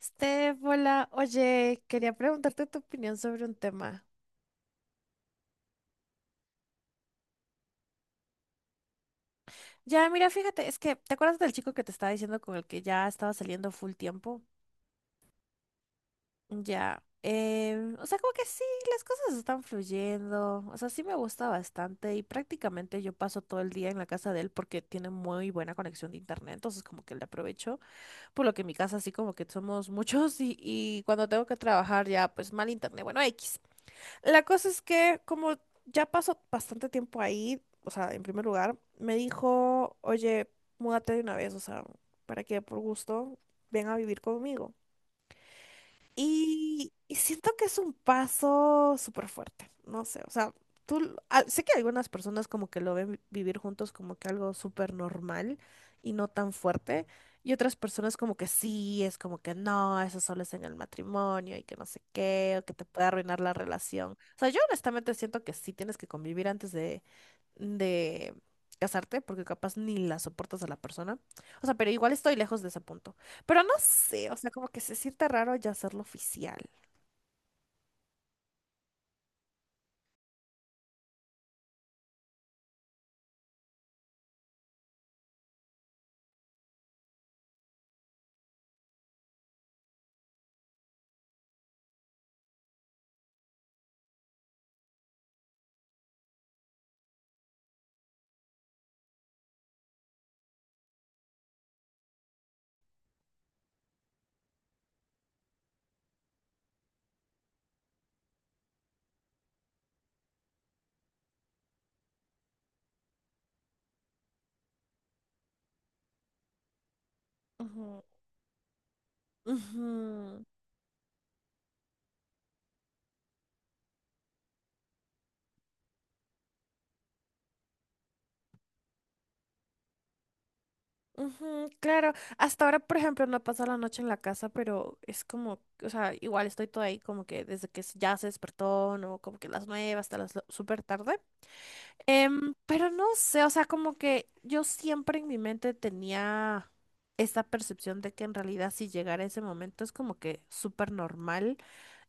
Steph, hola. Oye, quería preguntarte tu opinión sobre un tema. Ya, mira, fíjate, es que, ¿te acuerdas del chico que te estaba diciendo con el que ya estaba saliendo full tiempo? Ya, o sea, como que sí, las cosas están fluyendo. O sea, sí me gusta bastante y prácticamente yo paso todo el día en la casa de él porque tiene muy buena conexión de internet, entonces como que le aprovecho, por lo que en mi casa así como que somos muchos y cuando tengo que trabajar ya, pues mal internet, bueno, X. La cosa es que como ya pasó bastante tiempo ahí. O sea, en primer lugar, me dijo, oye, múdate de una vez, o sea, ¿para qué? Por gusto, ven a vivir conmigo. Y siento que es un paso súper fuerte, no sé. O sea, sé que algunas personas como que lo ven vivir juntos como que algo súper normal y no tan fuerte, y otras personas como que sí, es como que no, eso solo es en el matrimonio y que no sé qué, o que te puede arruinar la relación. O sea, yo honestamente siento que sí tienes que convivir antes de casarte, porque capaz ni la soportas a la persona. O sea, pero igual estoy lejos de ese punto. Pero no sé, o sea, como que se siente raro ya hacerlo oficial. Ujú, ujú, ujú, claro, hasta ahora, por ejemplo, no he pasado la noche en la casa, pero es como, o sea, igual estoy toda ahí como que desde que ya se despertó, no, como que las nueve hasta las súper tarde. Pero no sé, o sea, como que yo siempre en mi mente tenía esta percepción de que en realidad si llegara ese momento es como que súper normal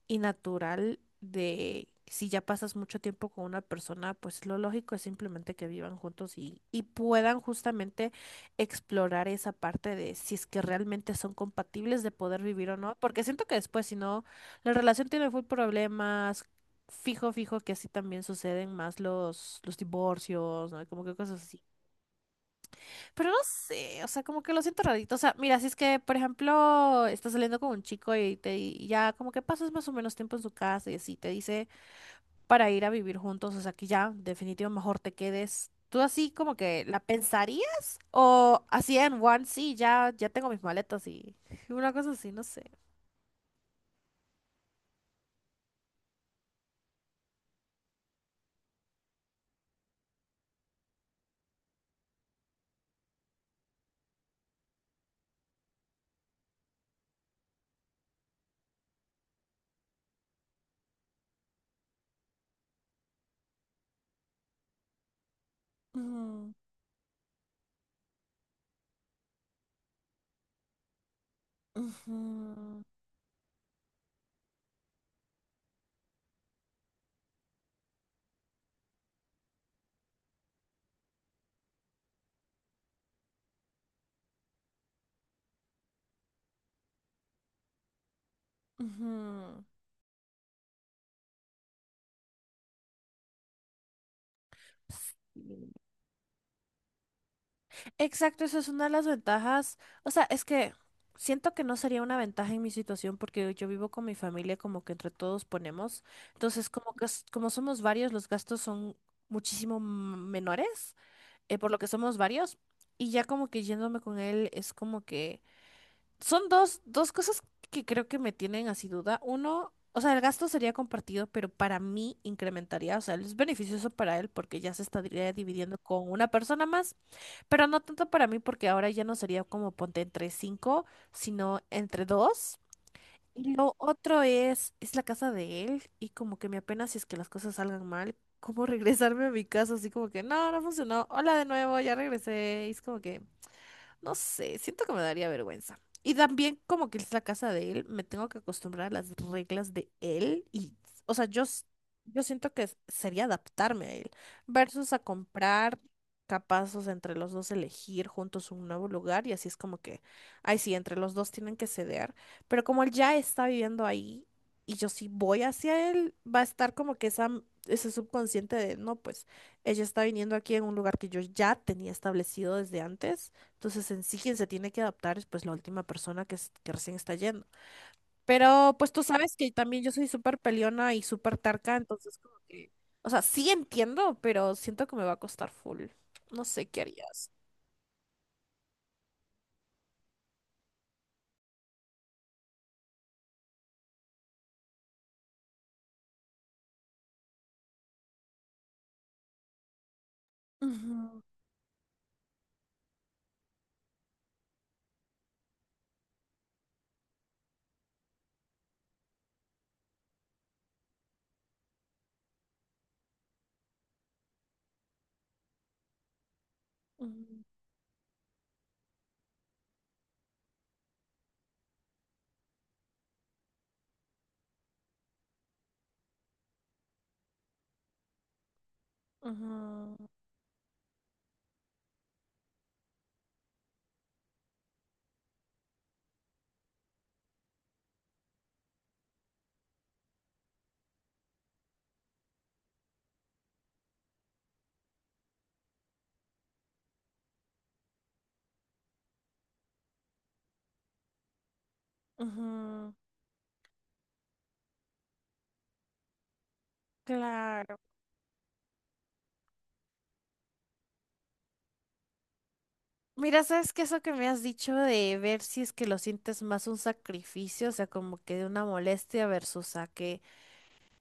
y natural de si ya pasas mucho tiempo con una persona, pues lo lógico es simplemente que vivan juntos y puedan justamente explorar esa parte de si es que realmente son compatibles de poder vivir o no, porque siento que después, si no, la relación tiene full problemas. Fijo, fijo que así también suceden más los divorcios, ¿no? Como que cosas así. Pero no sé, o sea, como que lo siento rarito. O sea, mira, si es que, por ejemplo, estás saliendo con un chico y te y ya como que pasas más o menos tiempo en su casa y así te dice para ir a vivir juntos, o sea, que ya, definitivo, mejor te quedes. ¿Tú así como que la pensarías? ¿O así en one, sí, ya, ya tengo mis maletas y una cosa así? No sé. Mm, ujú, ujú. Sí. Exacto, eso es una de las ventajas. O sea, es que siento que no sería una ventaja en mi situación porque yo vivo con mi familia, como que entre todos ponemos. Entonces, como que como somos varios, los gastos son muchísimo menores, por lo que somos varios. Y ya como que yéndome con él es como que son dos cosas que creo que me tienen así duda. Uno, o sea, el gasto sería compartido, pero para mí incrementaría, o sea, es beneficioso para él porque ya se estaría dividiendo con una persona más. Pero no tanto para mí, porque ahora ya no sería como ponte entre cinco, sino entre dos. Y lo otro es la casa de él, y como que me apena si es que las cosas salgan mal, como regresarme a mi casa, así como que no, no funcionó, hola de nuevo, ya regresé. Y es como que no sé, siento que me daría vergüenza. Y también como que es la casa de él, me tengo que acostumbrar a las reglas de él y, o sea, yo siento que sería adaptarme a él versus a comprar capazos entre los dos elegir juntos un nuevo lugar y así es como que, ay, sí, entre los dos tienen que ceder, pero como él ya está viviendo ahí y yo sí voy hacia él, va a estar como que esa, ese subconsciente de, no, pues ella está viniendo aquí en un lugar que yo ya tenía establecido desde antes. Entonces, en sí, quien se tiene que adaptar es pues la última persona que, que recién está yendo. Pero pues tú sabes que también yo soy súper peleona y súper terca, entonces como que, o sea, sí entiendo, pero siento que me va a costar full. No sé qué harías. Ujú, ujú, ujú, ujú, claro. Mira, ¿sabes qué? Eso que me has dicho de ver si es que lo sientes más un sacrificio, o sea, como que de una molestia versus a que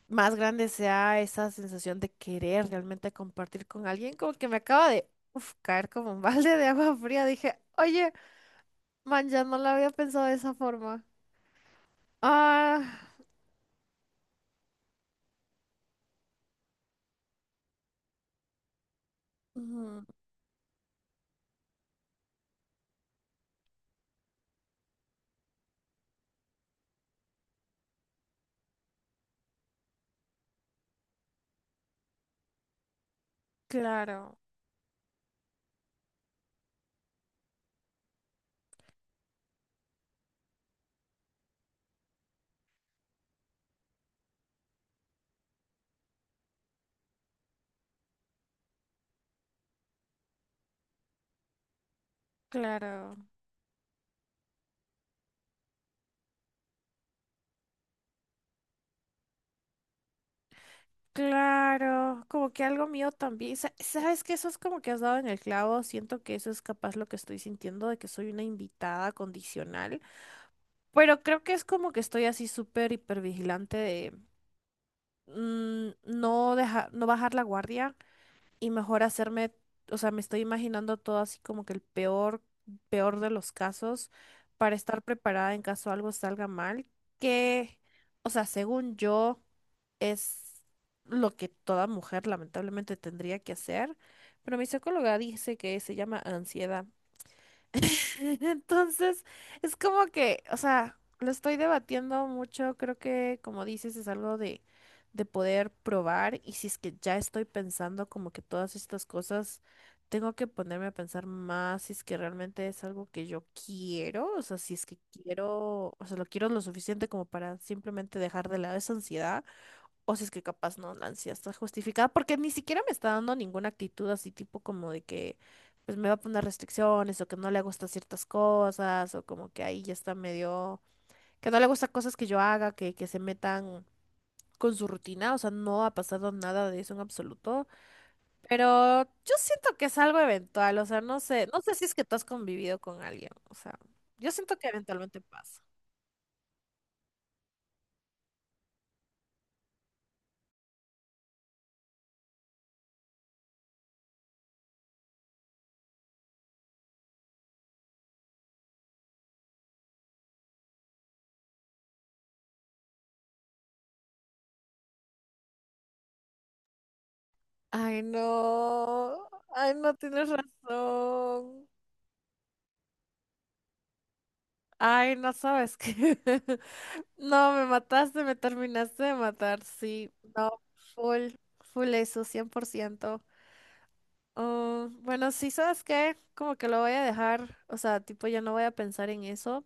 más grande sea esa sensación de querer realmente compartir con alguien, como que me acaba de uf, caer como un balde de agua fría. Dije, oye, man, ya no la había pensado de esa forma. Ah, mm, claro, claro, claro, como que algo mío también. ¿Sabes que Eso es como que has dado en el clavo. Siento que eso es capaz lo que estoy sintiendo, de que soy una invitada condicional. Pero creo que es como que estoy así súper hipervigilante de no dejar, no bajar la guardia y mejor hacerme, o sea, me estoy imaginando todo así como que el peor, peor de los casos para estar preparada en caso algo salga mal, que, o sea, según yo, es lo que toda mujer lamentablemente tendría que hacer, pero mi psicóloga dice que se llama ansiedad. Entonces, es como que, o sea, lo estoy debatiendo mucho. Creo que como dices es algo de poder probar y si es que ya estoy pensando como que todas estas cosas, tengo que ponerme a pensar más si es que realmente es algo que yo quiero. O sea, si es que quiero, o sea, lo quiero lo suficiente como para simplemente dejar de lado esa ansiedad o si es que capaz no, la ansiedad está justificada, porque ni siquiera me está dando ninguna actitud así tipo como de que pues me va a poner restricciones o que no le gusta ciertas cosas o como que ahí ya está medio, que no le gusta cosas que yo haga, que se metan con su rutina. O sea, no ha pasado nada de eso en absoluto, pero yo siento que es algo eventual. O sea, no sé, no sé si es que tú has convivido con alguien, o sea, yo siento que eventualmente pasa. Ay, no, ay, no tienes razón. Ay, no sabes qué. No, me mataste, me terminaste de matar. Sí, no, full, full eso, 100%. Ah, bueno, sí, ¿sabes qué? Como que lo voy a dejar, o sea, tipo, ya no voy a pensar en eso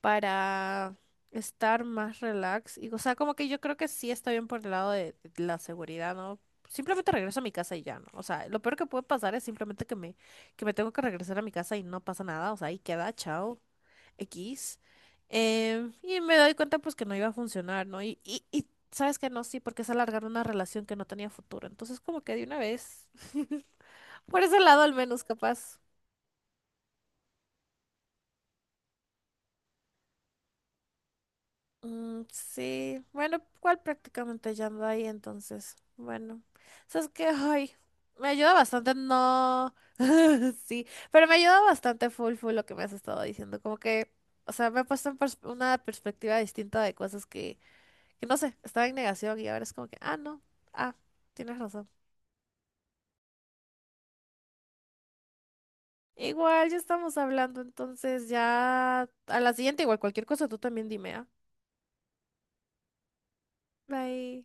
para estar más relax. Y, o sea, como que yo creo que sí está bien por el lado de la seguridad, ¿no? Simplemente regreso a mi casa y ya, ¿no? O sea, lo peor que puede pasar es simplemente que que me tengo que regresar a mi casa y no pasa nada. O sea, ahí queda, chao, X. Y me doy cuenta pues que no iba a funcionar, ¿no? Y sabes que no, sí, porque es alargar una relación que no tenía futuro. Entonces, como que de una vez, por ese lado al menos, capaz. Mm, sí, bueno, cual prácticamente ya ando ahí entonces. Bueno, sabes que hoy me ayuda bastante, no, sí, pero me ayuda bastante full full lo que me has estado diciendo, como que, o sea, me ha puesto en una perspectiva distinta de cosas que no sé, estaba en negación y ahora es como que, ah, no, ah, tienes razón. Igual ya estamos hablando, entonces ya a la siguiente, igual cualquier cosa tú también dime, ¿ah? Bye.